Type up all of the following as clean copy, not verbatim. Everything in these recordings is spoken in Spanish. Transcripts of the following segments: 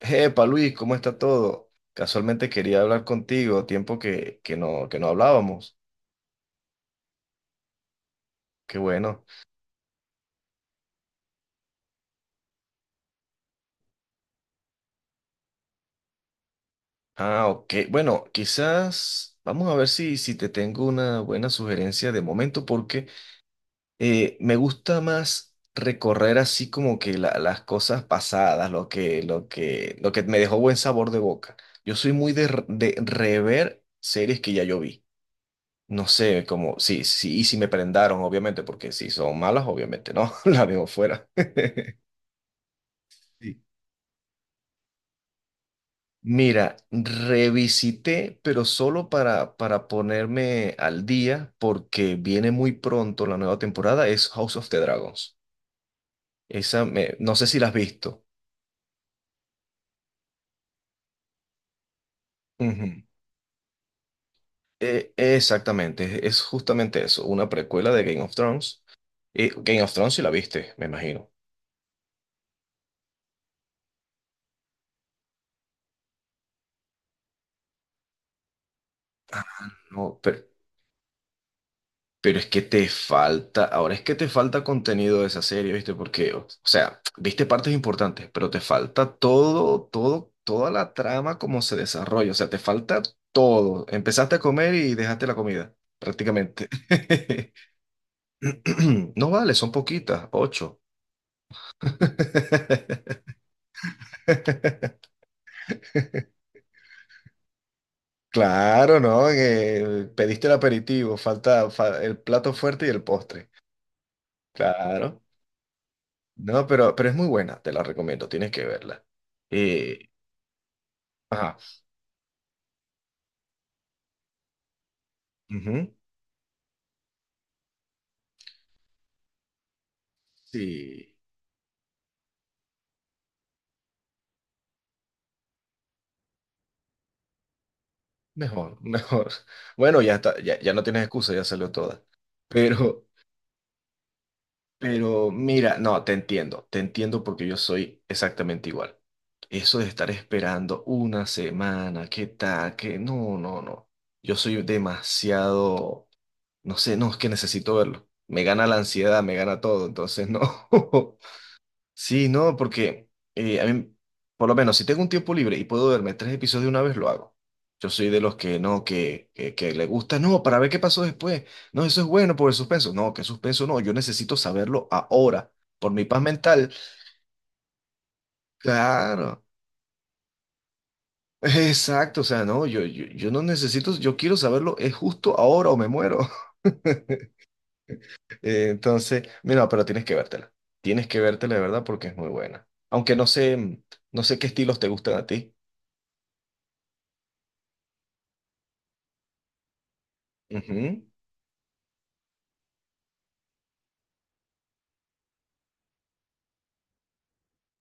Epa, Luis, ¿cómo está todo? Casualmente quería hablar contigo, tiempo que no hablábamos. Qué bueno. Ah, ok. Bueno, quizás vamos a ver si te tengo una buena sugerencia de momento, porque me gusta más recorrer así como que las cosas pasadas, lo que me dejó buen sabor de boca. Yo soy muy de rever series que ya yo vi. No sé, como, sí, sí, y si me prendaron, obviamente, porque si son malas, obviamente no, la dejo fuera. Sí. Mira, revisité, pero solo para ponerme al día, porque viene muy pronto la nueva temporada, es House of the Dragons. No sé si la has visto. Ujú. Exactamente, es justamente eso, una precuela de Game of Thrones. Game of Thrones si la viste, me imagino. No, pero es que te falta, ahora es que te falta contenido de esa serie, ¿viste? Porque, o sea, viste partes importantes, pero te falta toda la trama como se desarrolla, o sea, te falta todo. Empezaste a comer y dejaste la comida, prácticamente. No vale, son poquitas, ocho. Claro, ¿no? Que pediste el aperitivo, falta el plato fuerte y el postre. Claro. No, pero es muy buena, te la recomiendo, tienes que verla. Eh, ajá. Ujú, sí, mejor, mejor. Bueno, ya está, ya no tienes excusa, ya salió toda. Pero, pero mira, no, te entiendo porque yo soy exactamente igual. Eso de estar esperando una semana, qué tal, no, no, no. Yo soy demasiado, no sé, no, es que necesito verlo. Me gana la ansiedad, me gana todo, entonces no. Sí, no, porque a mí, por lo menos, si tengo un tiempo libre y puedo verme tres episodios de una vez, lo hago. Yo soy de los que no, que le gusta, no, para ver qué pasó después. No, eso es bueno por el suspenso. No, que suspenso no, yo necesito saberlo ahora, por mi paz mental. Claro, exacto, o sea, no, yo no necesito, yo quiero saberlo, es justo ahora o me muero. Entonces, mira, pero tienes que vértela. Tienes que vértela de verdad porque es muy buena. Aunque no sé qué estilos te gustan a ti. Ujú.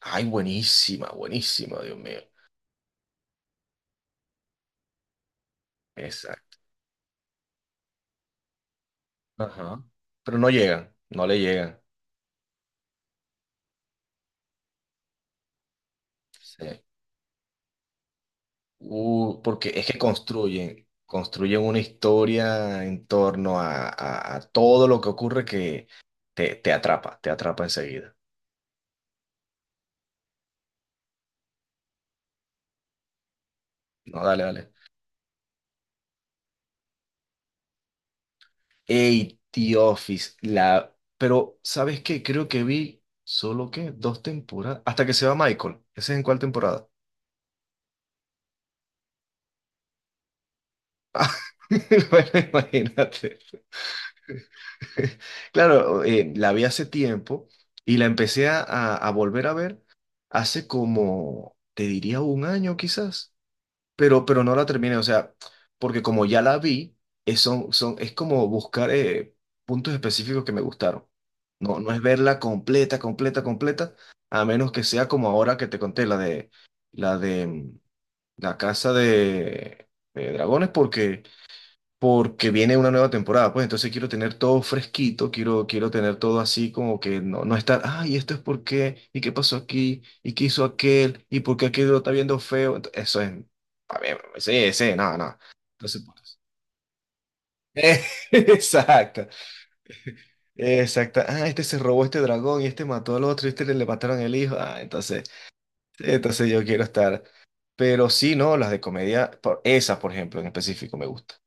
Ay, buenísima, buenísima, Dios mío. Exacto. Ajá. Pero no llegan, no le llegan. Sí. Porque es que construyen una historia en torno a todo lo que ocurre que te atrapa enseguida. No, dale, dale. Ey, The Office, Pero, ¿sabes qué? Creo que vi solo que dos temporadas, hasta que se va Michael. ¿Ese es en cuál temporada? Ah, bueno, imagínate. Claro, la vi hace tiempo y la empecé a volver a ver hace como, te diría un año quizás, pero no la terminé, o sea, porque como ya la vi, es como buscar puntos específicos que me gustaron. No, no es verla completa, completa, completa, a menos que sea como ahora que te conté, la de mm, la casa de dragones, porque viene una nueva temporada, pues entonces quiero tener todo fresquito, quiero tener todo así como que no estar, ay, esto es por qué, y qué pasó aquí, y qué hizo aquel, y por qué aquel lo está viendo feo, eso es, a ver, sí, sí, no, no. Entonces, por eso. Exacto, exacto. Ah, este se robó este dragón y este mató al otro y este le mataron el hijo. Ah, entonces yo quiero estar. Pero sí, no, las de comedia, esas, por ejemplo, en específico me gustan.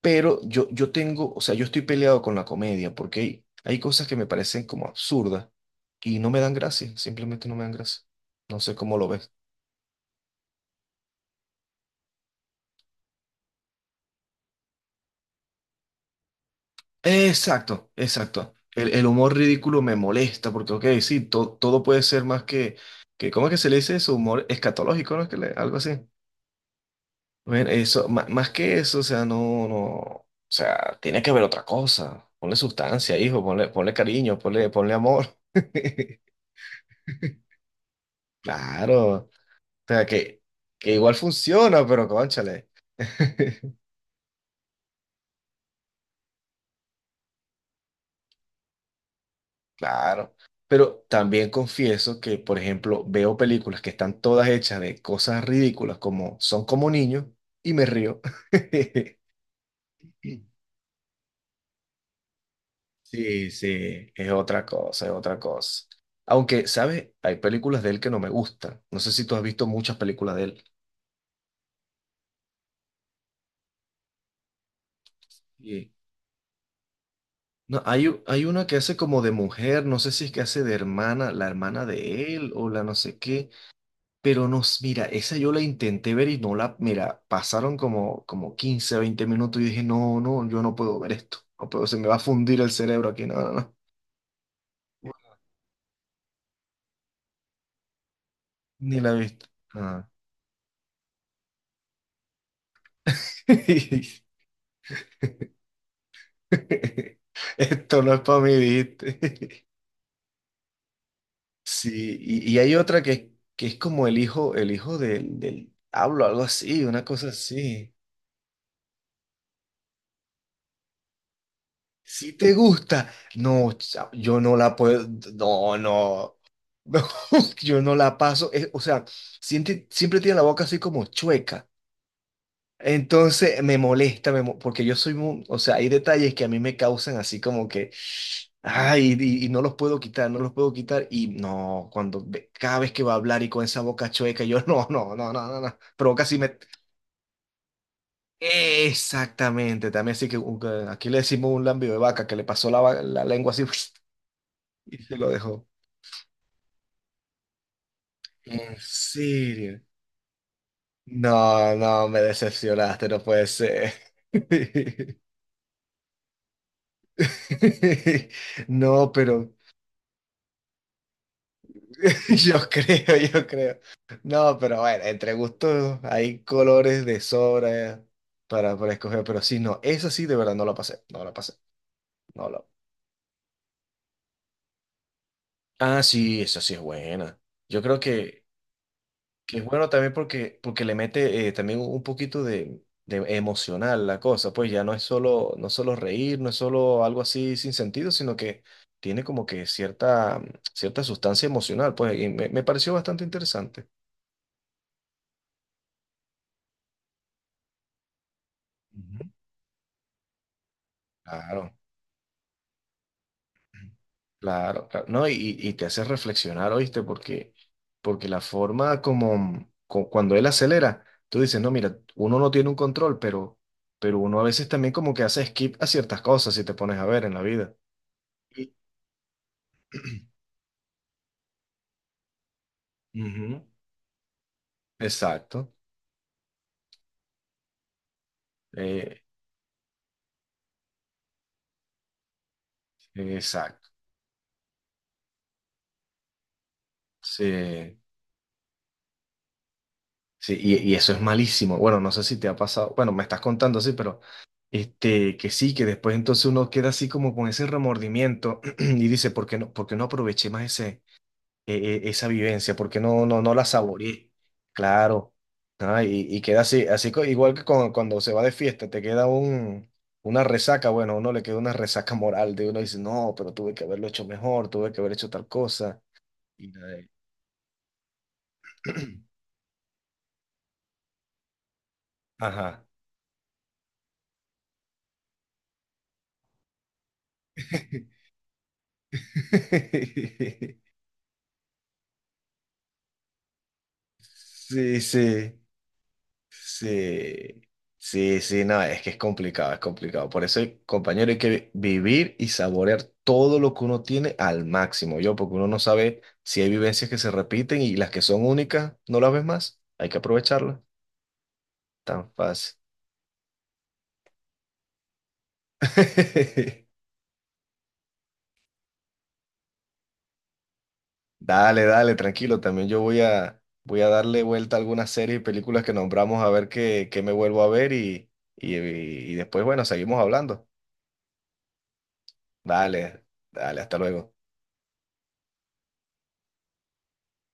Pero yo tengo, o sea, yo estoy peleado con la comedia porque hay cosas que me parecen como absurdas y no me dan gracia, simplemente no me dan gracia. No sé cómo lo ves. Exacto, exacto. El humor ridículo me molesta porque, ok, sí, todo puede ser más que, ¿cómo es que se le dice eso? Humor escatológico, ¿no? Es que algo así. Bueno, eso, más que eso, o sea, no, no, o sea, tiene que haber otra cosa. Ponle sustancia, hijo, ponle, ponle cariño, ponle, ponle amor. Claro. Sea, que igual funciona, pero cónchale. Claro. Pero también confieso que, por ejemplo, veo películas que están todas hechas de cosas ridículas como Son como niños y me río. Sí, sí, es otra cosa, es otra cosa. Aunque, ¿sabes? Hay películas de él que no me gustan. No sé si tú has visto muchas películas de él. Sí. No, hay una que hace como de mujer, no sé si es que hace de hermana, la hermana de él o la no sé qué. Pero mira, esa yo la intenté ver y no la, mira, pasaron como 15 20 minutos y dije, no, no, yo no puedo ver esto. No puedo, se me va a fundir el cerebro aquí. No, no, no. Ni la he visto. Ah. Esto no es para mí, ¿viste? Sí, y hay otra que es como el hijo del hablo, algo así, una cosa así. Si te gusta, no, yo no la puedo, no, no, no, yo no la paso, o sea, siempre, siempre tiene la boca así como chueca. Entonces me molesta, porque yo soy, o sea, hay detalles que a mí me causan así como que, ay, y no los puedo quitar, no los puedo quitar, y no, cuando, cada vez que va a hablar y con esa boca chueca, yo no, no, no, no, no, no, provoca así me... Exactamente, también así que aquí le decimos un lambio de vaca que le pasó la lengua así. Y se lo dejó. ¿En serio? No, no, me decepcionaste, no puede ser. No, pero yo creo, yo creo. No, pero bueno, entre gustos hay colores de sobra para escoger, pero sí, no, esa sí de verdad no la pasé, no la pasé, no la. Ah, sí, esa sí es buena. Yo creo que es bueno también porque le mete también un poquito de emocional la cosa, pues ya no es solo, no es solo reír, no es solo algo así sin sentido, sino que tiene como que cierta, cierta sustancia emocional, pues y me pareció bastante interesante. Ujú. Claro. Claro, claro. No, y te hace reflexionar, ¿oíste? Porque la forma como cuando él acelera, tú dices, no, mira, uno no tiene un control, pero uno a veces también como que hace skip a ciertas cosas si te pones a ver en la vida. Ujú. Exacto. Eh, exacto. Sí. Sí, y eso es malísimo. Bueno, no sé si te ha pasado, bueno, me estás contando así, pero este, que sí, que después entonces uno queda así como con ese remordimiento y dice, ¿ por qué no aproveché más e- esa vivencia? ¿Por qué no la saboreé? Claro. Ah, y queda así, igual que cuando se va de fiesta, te queda una resaca, bueno, a uno le queda una resaca moral de uno dice, no, pero tuve que haberlo hecho mejor, tuve que haber hecho tal cosa. Y, eh, Ajá. Sí, sí, sí, sí, sí, no, es que es complicado, es complicado. Por eso, compañero, hay que vivir y saborear todo lo que uno tiene al máximo, yo, porque uno no sabe si hay vivencias que se repiten y las que son únicas, no las ves más. Hay que aprovecharlas. Tan fácil. Dale, dale, tranquilo. También yo voy a darle vuelta a algunas series y películas que nombramos a ver qué me vuelvo a ver y después, bueno, seguimos hablando. Dale, dale, hasta luego.